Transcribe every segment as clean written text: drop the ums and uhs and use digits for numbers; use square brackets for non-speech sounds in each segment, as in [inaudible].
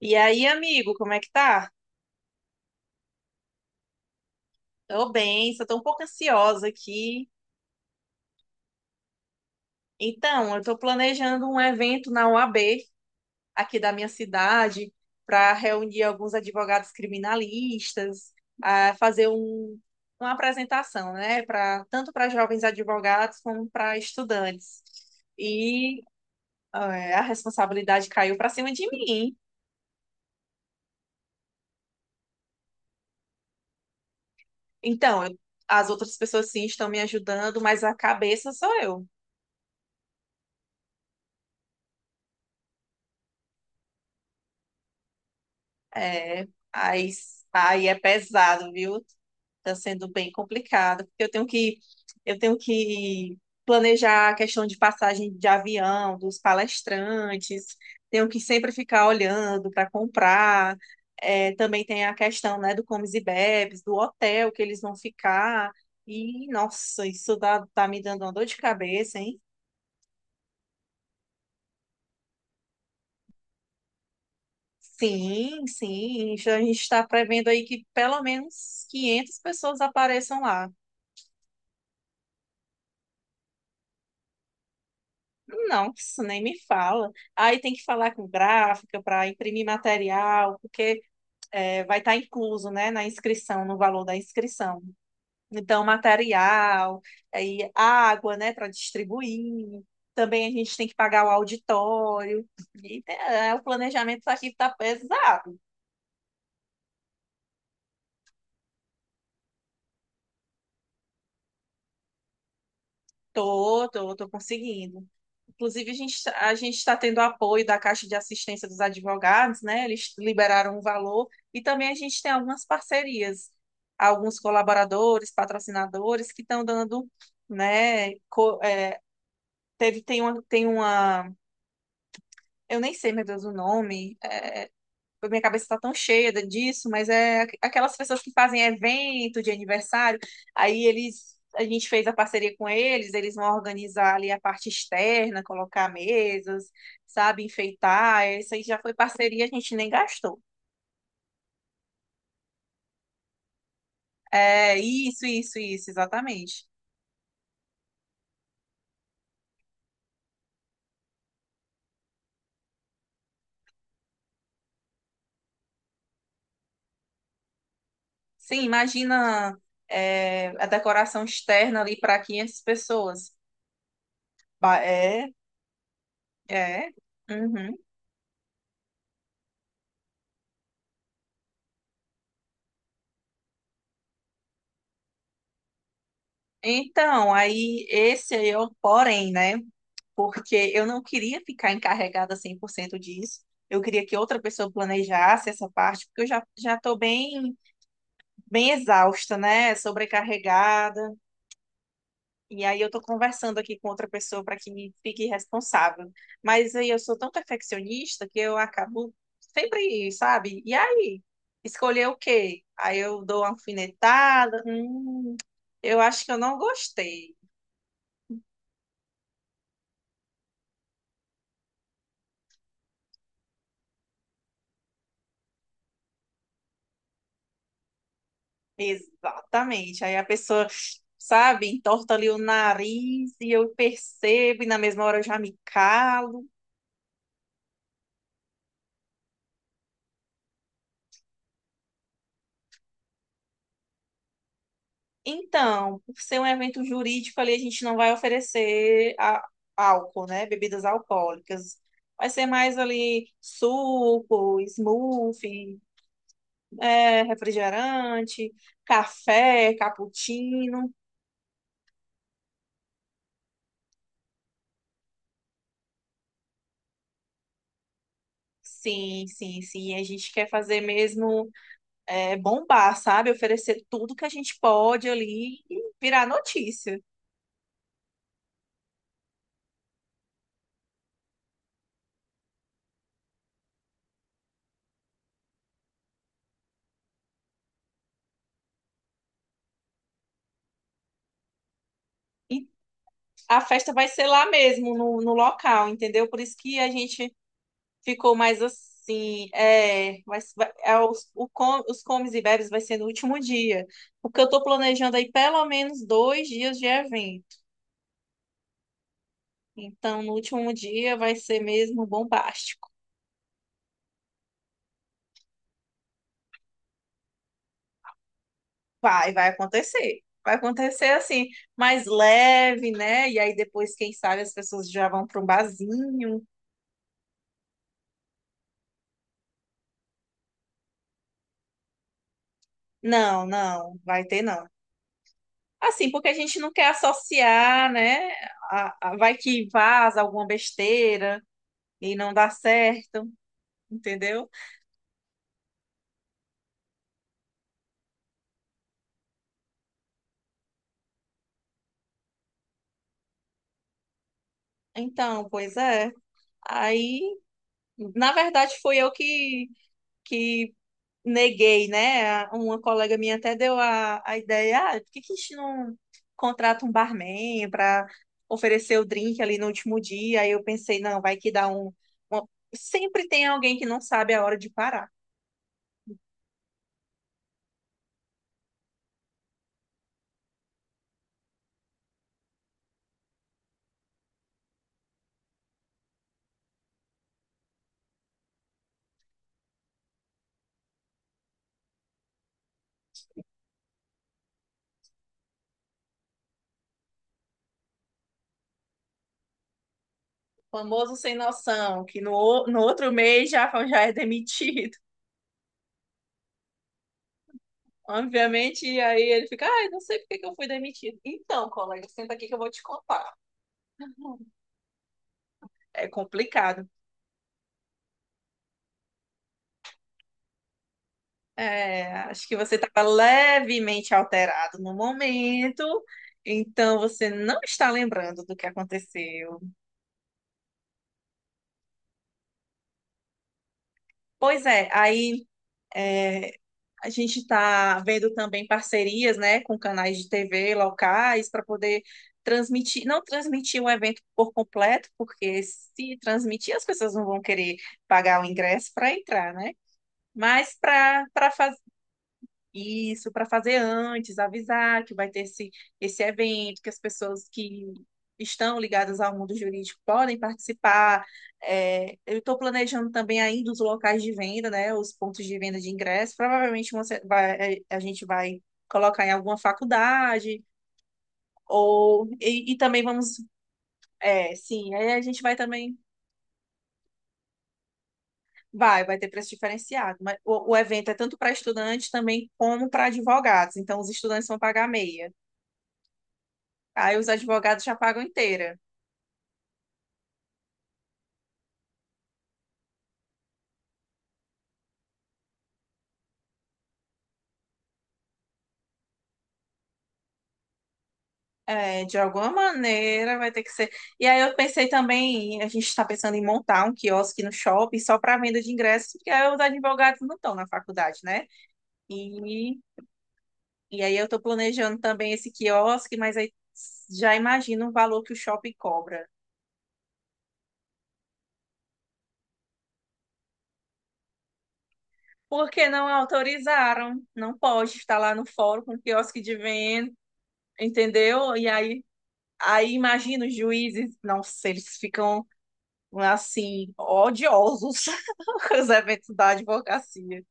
E aí, amigo, como é que tá? Tô bem, só tô um pouco ansiosa aqui. Então, eu tô planejando um evento na UAB, aqui da minha cidade, para reunir alguns advogados criminalistas, fazer uma apresentação, né, para tanto para jovens advogados como para estudantes. E é, a responsabilidade caiu para cima de mim. Então, as outras pessoas sim estão me ajudando, mas a cabeça sou eu. É, aí, aí é pesado, viu? Tá sendo bem complicado, porque eu tenho que planejar a questão de passagem de avião, dos palestrantes, tenho que sempre ficar olhando para comprar. É, também tem a questão, né, do comes e bebes, do hotel que eles vão ficar. E, nossa, isso tá me dando uma dor de cabeça, hein? Sim, sim. A gente está prevendo aí que pelo menos 500 pessoas apareçam lá. Não, isso nem me fala. Aí tem que falar com gráfica para imprimir material, porque é, vai estar incluso, né, na inscrição, no valor da inscrição. Então, material, aí água, né, para distribuir. Também a gente tem que pagar o auditório. E, é, o planejamento tá aqui está pesado. Tô conseguindo. Inclusive, a gente está tendo apoio da Caixa de Assistência dos Advogados, né? Eles liberaram um valor e também a gente tem algumas parcerias, alguns colaboradores, patrocinadores que estão dando, né? É, tem uma, eu nem sei, meu Deus, o nome, minha cabeça está tão cheia disso, mas é aquelas pessoas que fazem evento de aniversário, aí eles, a gente fez a parceria com eles, eles vão organizar ali a parte externa, colocar mesas, sabe, enfeitar, isso aí já foi parceria, a gente nem gastou. É, isso, exatamente. Sim, imagina, é, a decoração externa ali para 500 pessoas. É, é. Uhum. Então, aí esse aí é o porém, né? Porque eu não queria ficar encarregada 100% disso. Eu queria que outra pessoa planejasse essa parte, porque eu já já estou bem bem exausta, né? Sobrecarregada. E aí eu estou conversando aqui com outra pessoa para que me fique responsável. Mas aí eu sou tão perfeccionista que eu acabo sempre, sabe? E aí, escolher o quê? Aí eu dou uma alfinetada. Eu acho que eu não gostei. Exatamente. Aí a pessoa, sabe, entorta ali o nariz e eu percebo, e na mesma hora eu já me calo. Então, por ser um evento jurídico ali, a gente não vai oferecer álcool, né? Bebidas alcoólicas. Vai ser mais ali suco, smoothie, é, refrigerante, café, cappuccino. Sim, sim, sim. A gente quer fazer mesmo é, bombar, sabe? Oferecer tudo que a gente pode ali e virar notícia. E a festa vai ser lá mesmo, no local, entendeu? Por isso que a gente ficou mais assim. É, os comes e bebes vai ser no último dia. Porque eu tô planejando aí pelo menos 2 dias de evento. Então, no último dia vai ser mesmo bombástico. Vai acontecer. Vai acontecer assim mais leve, né? E aí depois, quem sabe, as pessoas já vão para um barzinho. Não, não, vai ter não. Assim, porque a gente não quer associar, né? Vai que vaza alguma besteira e não dá certo, entendeu? Então, pois é. Aí, na verdade, foi eu que neguei, né? Uma colega minha até deu a ideia, por que que a gente não contrata um barman para oferecer o drink ali no último dia? Aí eu pensei, não, vai que dá um. uma- Sempre tem alguém que não sabe a hora de parar. Famoso sem noção, que no outro mês já, [laughs] já é demitido. [laughs] Obviamente, e aí ele fica, ai, não sei por que que eu fui demitido. Então, colega, senta aqui que eu vou te contar. É complicado. É, acho que você estava levemente alterado no momento, então você não está lembrando do que aconteceu. Pois é, aí a gente está vendo também parcerias, né, com canais de TV locais para poder transmitir, não transmitir o evento por completo, porque se transmitir as pessoas não vão querer pagar o ingresso para entrar, né? Mas para isso, para fazer antes, avisar que vai ter esse evento, que as pessoas que estão ligadas ao mundo jurídico podem participar. É, eu estou planejando também ainda os locais de venda, né, os pontos de venda de ingresso. Provavelmente a gente vai colocar em alguma faculdade, e também vamos. É, sim, aí a gente vai também. Vai ter preço diferenciado. Mas o evento é tanto para estudantes também como para advogados. Então, os estudantes vão pagar meia. Aí os advogados já pagam inteira. É, de alguma maneira vai ter que ser. E aí eu pensei também, a gente está pensando em montar um quiosque no shopping só para venda de ingressos, porque aí os advogados não estão na faculdade, né? E, e aí eu estou planejando também esse quiosque, mas aí já imagino o valor que o shopping cobra. Porque não autorizaram, não pode estar lá no fórum com quiosque de venda, entendeu? E aí imagina os juízes, nossa, eles ficam assim, odiosos [laughs] os eventos da advocacia.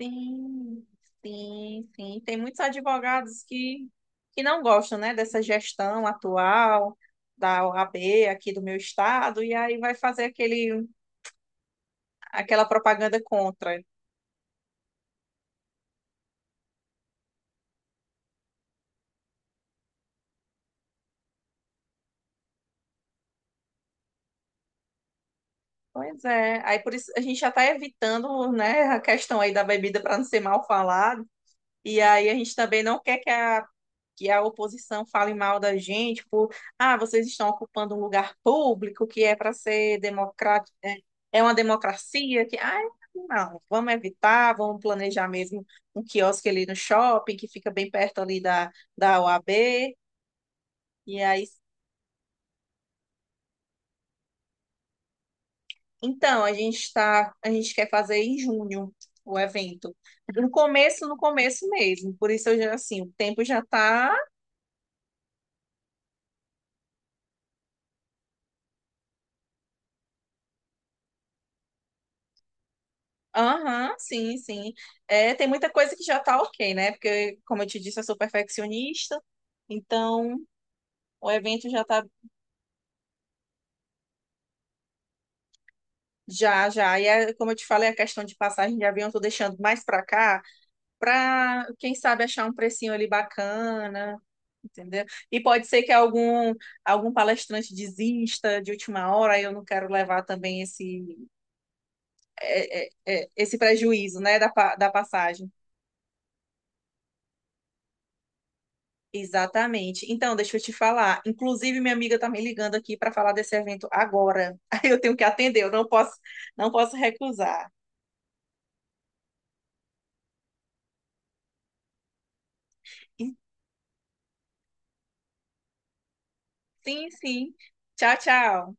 Sim, sim, sim. Tem muitos advogados que não gostam, né, dessa gestão atual da OAB aqui do meu estado, e aí vai fazer aquela propaganda contra. Pois é, aí por isso a gente já está evitando, né, a questão aí da bebida para não ser mal falado, e aí a gente também não quer que a oposição fale mal da gente por, vocês estão ocupando um lugar público que é para ser democrático, é, é uma democracia que, não, vamos evitar, vamos planejar mesmo um quiosque ali no shopping que fica bem perto ali da OAB, e aí, então, a gente quer fazer em junho o evento. No começo, no começo mesmo, por isso eu já, assim, o tempo já está. Aham, sim, sim. É, tem muita coisa que já tá ok, né? Porque, como eu te disse, eu sou perfeccionista, então o evento já tá já, já. E é, como eu te falei, a questão de passagem de avião eu tô deixando mais pra cá, pra, quem sabe, achar um precinho ali bacana, entendeu? E pode ser que algum palestrante desista de última hora, aí eu não quero levar também esse, é, é, é, esse prejuízo, né, da passagem. Exatamente. Então, deixa eu te falar. Inclusive, minha amiga está me ligando aqui para falar desse evento agora. [laughs] Aí eu tenho que atender, eu não posso, não posso recusar. E- Sim, sim. Tchau, tchau.